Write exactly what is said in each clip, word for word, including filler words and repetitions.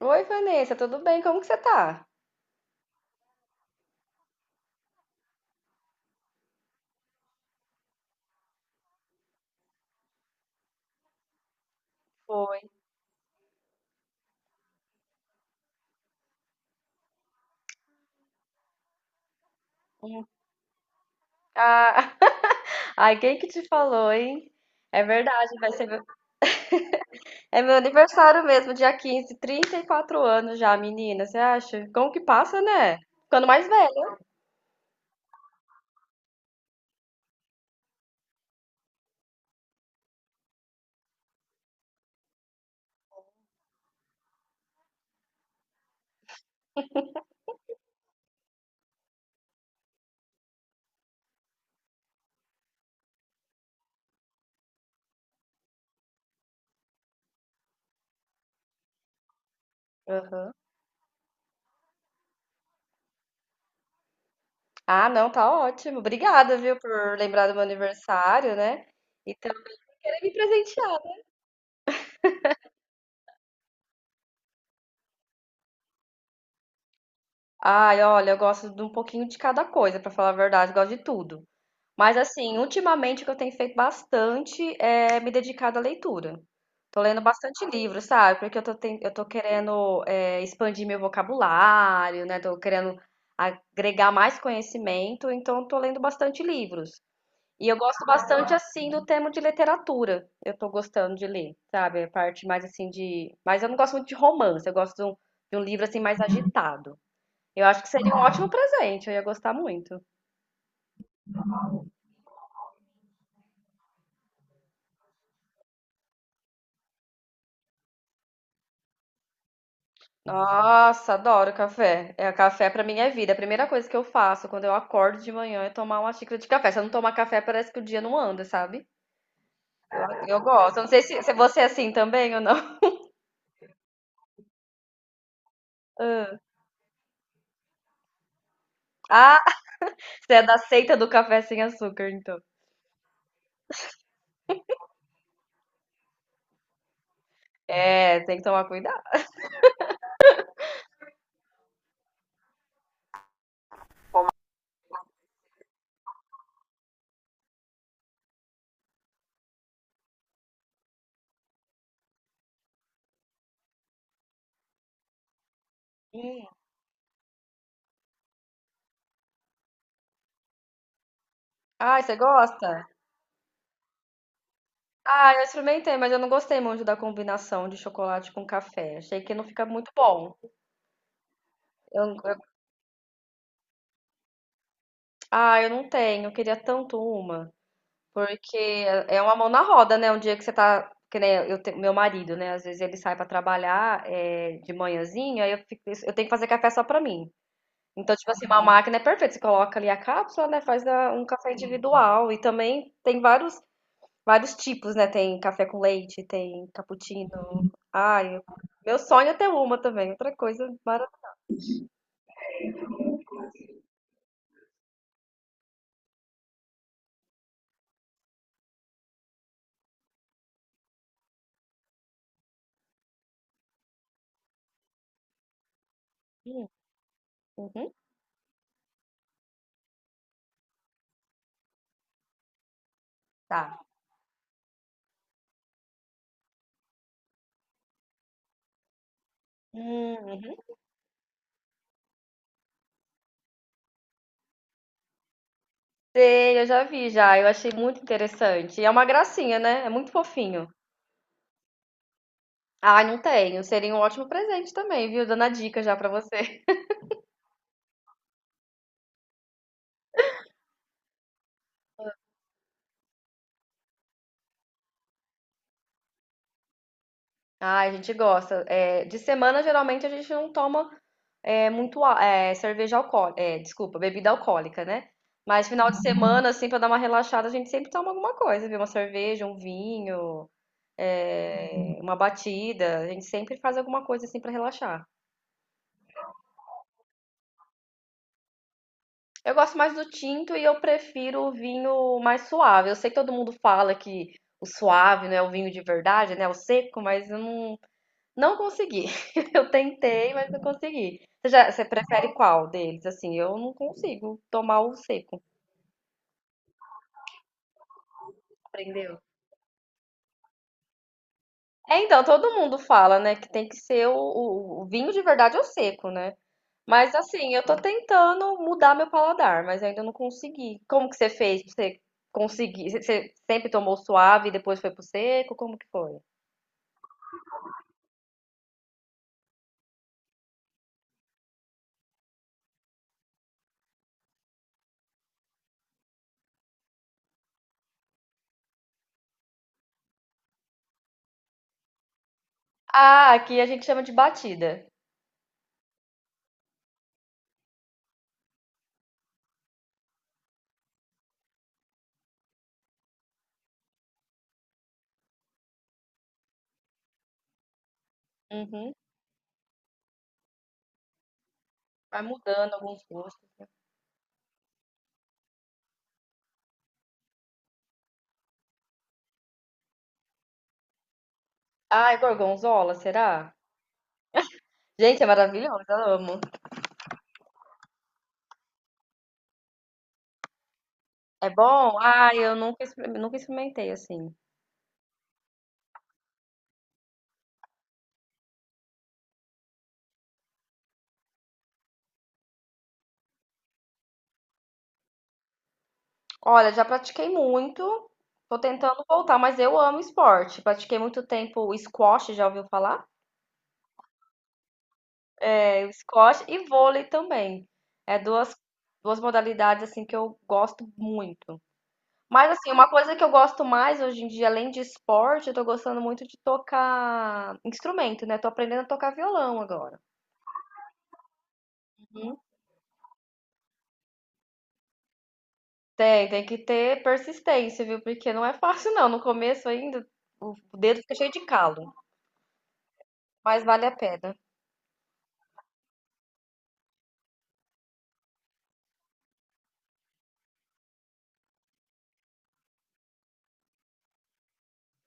Oi, Vanessa, tudo bem? Como que você tá? Foi. Hum. Ah, ai, quem que te falou, hein? É verdade, vai ser meu... É meu aniversário mesmo, dia quinze, trinta e quatro anos já, menina, você acha? Como que passa, né? Ficando mais velha. Aham. Ah, não, tá ótimo. Obrigada, viu, por lembrar do meu aniversário, né? E também por querer me presentear. Ai, olha, eu gosto de um pouquinho de cada coisa, pra falar a verdade, gosto de tudo. Mas assim, ultimamente o que eu tenho feito bastante é me dedicado à leitura. Tô lendo bastante livro, sabe? Porque eu tô, ten- eu tô querendo é, expandir meu vocabulário, né? Tô querendo agregar mais conhecimento, então tô lendo bastante livros. E eu gosto bastante, assim, do tema de literatura. Eu tô gostando de ler, sabe? A parte mais, assim, de... Mas eu não gosto muito de romance, eu gosto de um, de um livro, assim, mais agitado. Eu acho que seria um ótimo presente, eu ia gostar muito. Nossa, adoro café. É, café pra mim é vida. A primeira coisa que eu faço quando eu acordo de manhã é tomar uma xícara de café. Se eu não tomar café, parece que o dia não anda, sabe? Eu, eu gosto. Eu não sei se, se você é assim também ou não. Ah, Ah, você é da seita do café sem açúcar, então. É, tem que tomar cuidado. Hum. Ai, você gosta? Ah, eu experimentei, mas eu não gostei muito da combinação de chocolate com café. Achei que não fica muito bom. Eu, eu- ah, eu não tenho. Eu queria tanto uma. Porque é é uma mão na roda, né? Um dia que você tá, que nem eu, te- meu marido, né? Às vezes ele sai pra trabalhar é, de manhãzinho, aí eu, fico- eu tenho que fazer café só pra mim. Então, tipo assim, uma Uhum. máquina é perfeita. Você coloca ali a cápsula, né? Faz a- um café individual. E também tem vários, vários tipos, né? Tem café com leite, tem cappuccino. Uhum. Ai, eu- meu sonho é ter uma também. Outra coisa maravilhosa. Uhum, tá. Hum, uhum. Sei, eu já vi já. Eu achei muito interessante. E é uma gracinha, né? É muito fofinho. Ai, não tenho. Seria um ótimo presente também, viu? Dando a dica já pra você. Ai, a gente gosta. É, de semana, geralmente, a gente não toma é, muito á- é, cerveja alcoólica. É, desculpa, bebida alcoólica, né? Mas final de Uhum. semana, assim, pra dar uma relaxada, a gente sempre toma alguma coisa, viu? Uma cerveja, um vinho, é, Uhum. uma batida. A gente sempre faz alguma coisa, assim, pra relaxar. Eu gosto mais do tinto e eu prefiro o vinho mais suave. Eu sei que todo mundo fala que o suave não é o vinho de verdade, né? O seco, mas eu não. Não consegui. Eu tentei, mas não consegui. Você já, você prefere qual deles? Assim, eu não consigo tomar o seco. Aprendeu? É, então, todo mundo fala, né, que tem que ser o, o- o vinho de verdade ou seco, né? Mas assim, eu tô tentando mudar meu paladar, mas ainda não consegui. Como que você fez pra você conseguir? Você você sempre tomou suave e depois foi pro seco? Como que foi? Ah, aqui a gente chama de batida. Uhum. Vai mudando alguns gostos. Ah, é gorgonzola, será? Gente, é maravilhoso, eu amo. É bom? Ah, eu nunca, exper- nunca experimentei assim. Olha, já pratiquei muito, tô tentando voltar, mas eu amo esporte. Pratiquei muito tempo o squash, já ouviu falar? É, o squash e vôlei também. É duas, duas modalidades assim que eu gosto muito. Mas assim, uma coisa que eu gosto mais hoje em dia, além de esporte, eu tô gostando muito de tocar instrumento, né? Tô aprendendo a tocar violão agora. Tem, tem que ter persistência, viu? Porque não é fácil, não. No começo ainda, o dedo fica cheio de calo, mas vale a pena.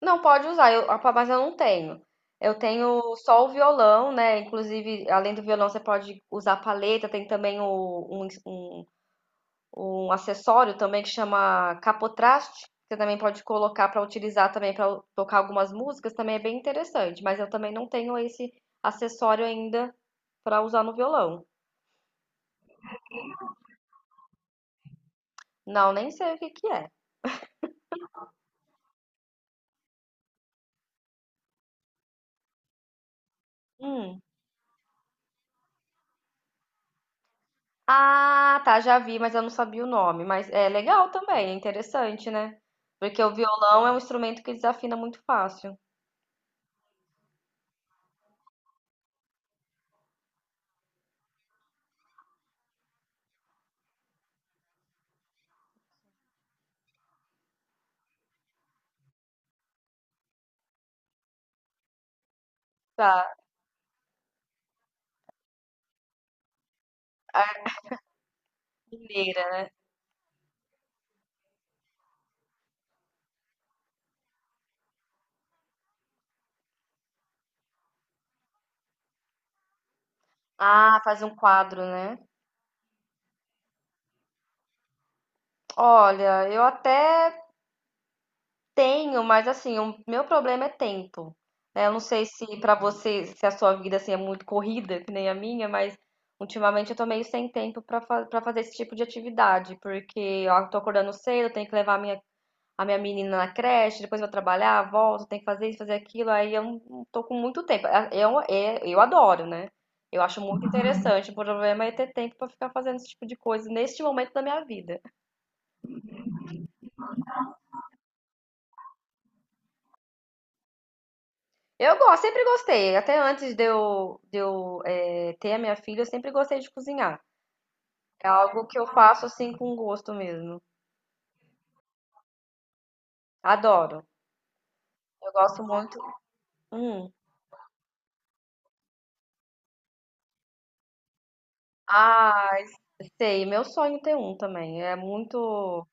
Não pode usar, eu, a- mas eu não tenho. Eu tenho só o violão, né? Inclusive, além do violão, você pode usar a palheta. Tem também o- um, um, um acessório também que chama capotraste. Você também pode colocar para utilizar também para tocar algumas músicas. Também é bem interessante. Mas eu também não tenho esse acessório ainda para usar no violão. Não, nem sei o que que é. Hum. Ah, tá, já vi, mas eu não sabia o nome. Mas é legal também, é interessante, né? Porque o violão é um instrumento que desafina muito fácil. Tá, a primeira. Ah, faz um quadro, né? Olha, eu até tenho, mas assim, o meu problema é tempo. Né? Eu não sei se pra você, se a sua vida assim é muito corrida, que nem a minha, mas ultimamente eu tô meio sem tempo pra fa para fazer esse tipo de atividade, porque ó, eu tô acordando cedo, eu tenho que levar minha a minha menina na creche, depois eu vou trabalhar, volto, tenho que fazer isso, fazer aquilo, aí eu não tô com muito tempo. Ah, Eu, é- eu adoro, né? Eu acho muito interessante. O problema é ter tempo pra ficar fazendo esse tipo de coisa neste momento da minha vida. Eu gosto, sempre gostei. Até antes de eu, de eu eh, ter a minha filha, eu sempre gostei de cozinhar. É algo que eu faço assim com gosto mesmo. Adoro. Eu gosto muito. Hum. Ah, sei. Meu sonho é ter um também. É muito.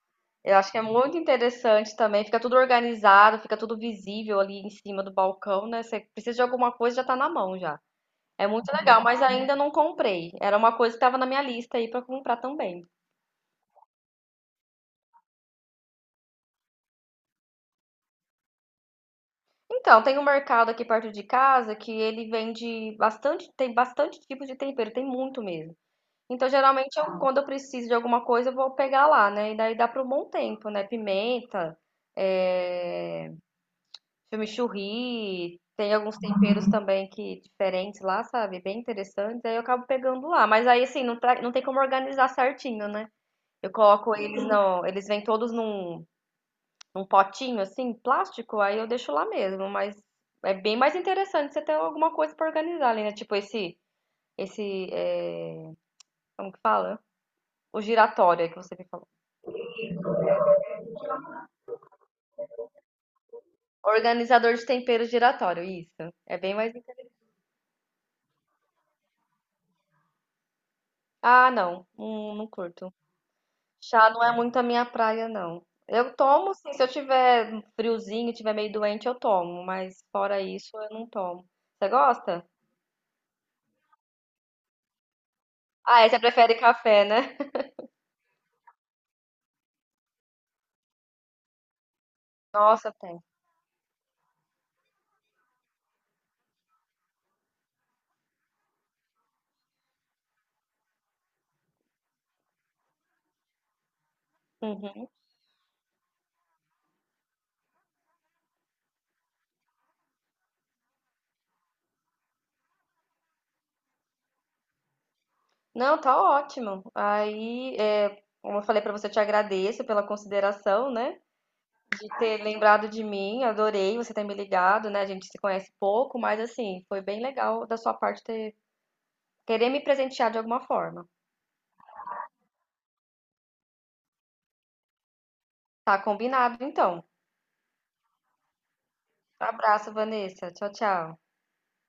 Eu acho que é muito interessante também, fica tudo organizado, fica tudo visível ali em cima do balcão, né? Você precisa de alguma coisa, já tá na mão já. É muito legal, mas ainda não comprei. Era uma coisa que estava na minha lista aí para comprar também. Então, tem um mercado aqui perto de casa que ele vende bastante, tem bastante tipo de tempero, tem muito mesmo. Então, geralmente eu, quando eu preciso de alguma coisa, eu vou pegar lá, né? E daí dá para um bom tempo, né? Pimenta, é... Chimichurri, tem alguns temperos também que diferentes lá, sabe? Bem interessantes. Aí eu acabo pegando lá, mas aí assim, não, tá- não tem como organizar certinho, né? Eu coloco eles no, eles vêm todos num, num potinho assim, plástico, aí eu deixo lá mesmo, mas é bem mais interessante você ter alguma coisa pra organizar ali, né? Tipo esse esse é, como que fala? O giratório aí que você me falou. Organizador de temperos giratório, isso. É bem mais interessante. Ah, não, não, não curto. Chá não é muito a minha praia, não. Eu tomo, sim, se eu tiver friozinho, tiver meio doente, eu tomo, mas fora isso, eu não tomo. Você gosta? Ah, é, você prefere café, né? Nossa, tem. Uhum. Não, tá ótimo. Aí, é, como eu falei pra você, eu te agradeço pela consideração, né? De ter lembrado de mim, adorei você ter me ligado, né? A gente se conhece pouco, mas assim, foi bem legal da sua parte ter querer me presentear de alguma forma. Tá combinado, então. Abraço, Vanessa. Tchau, tchau.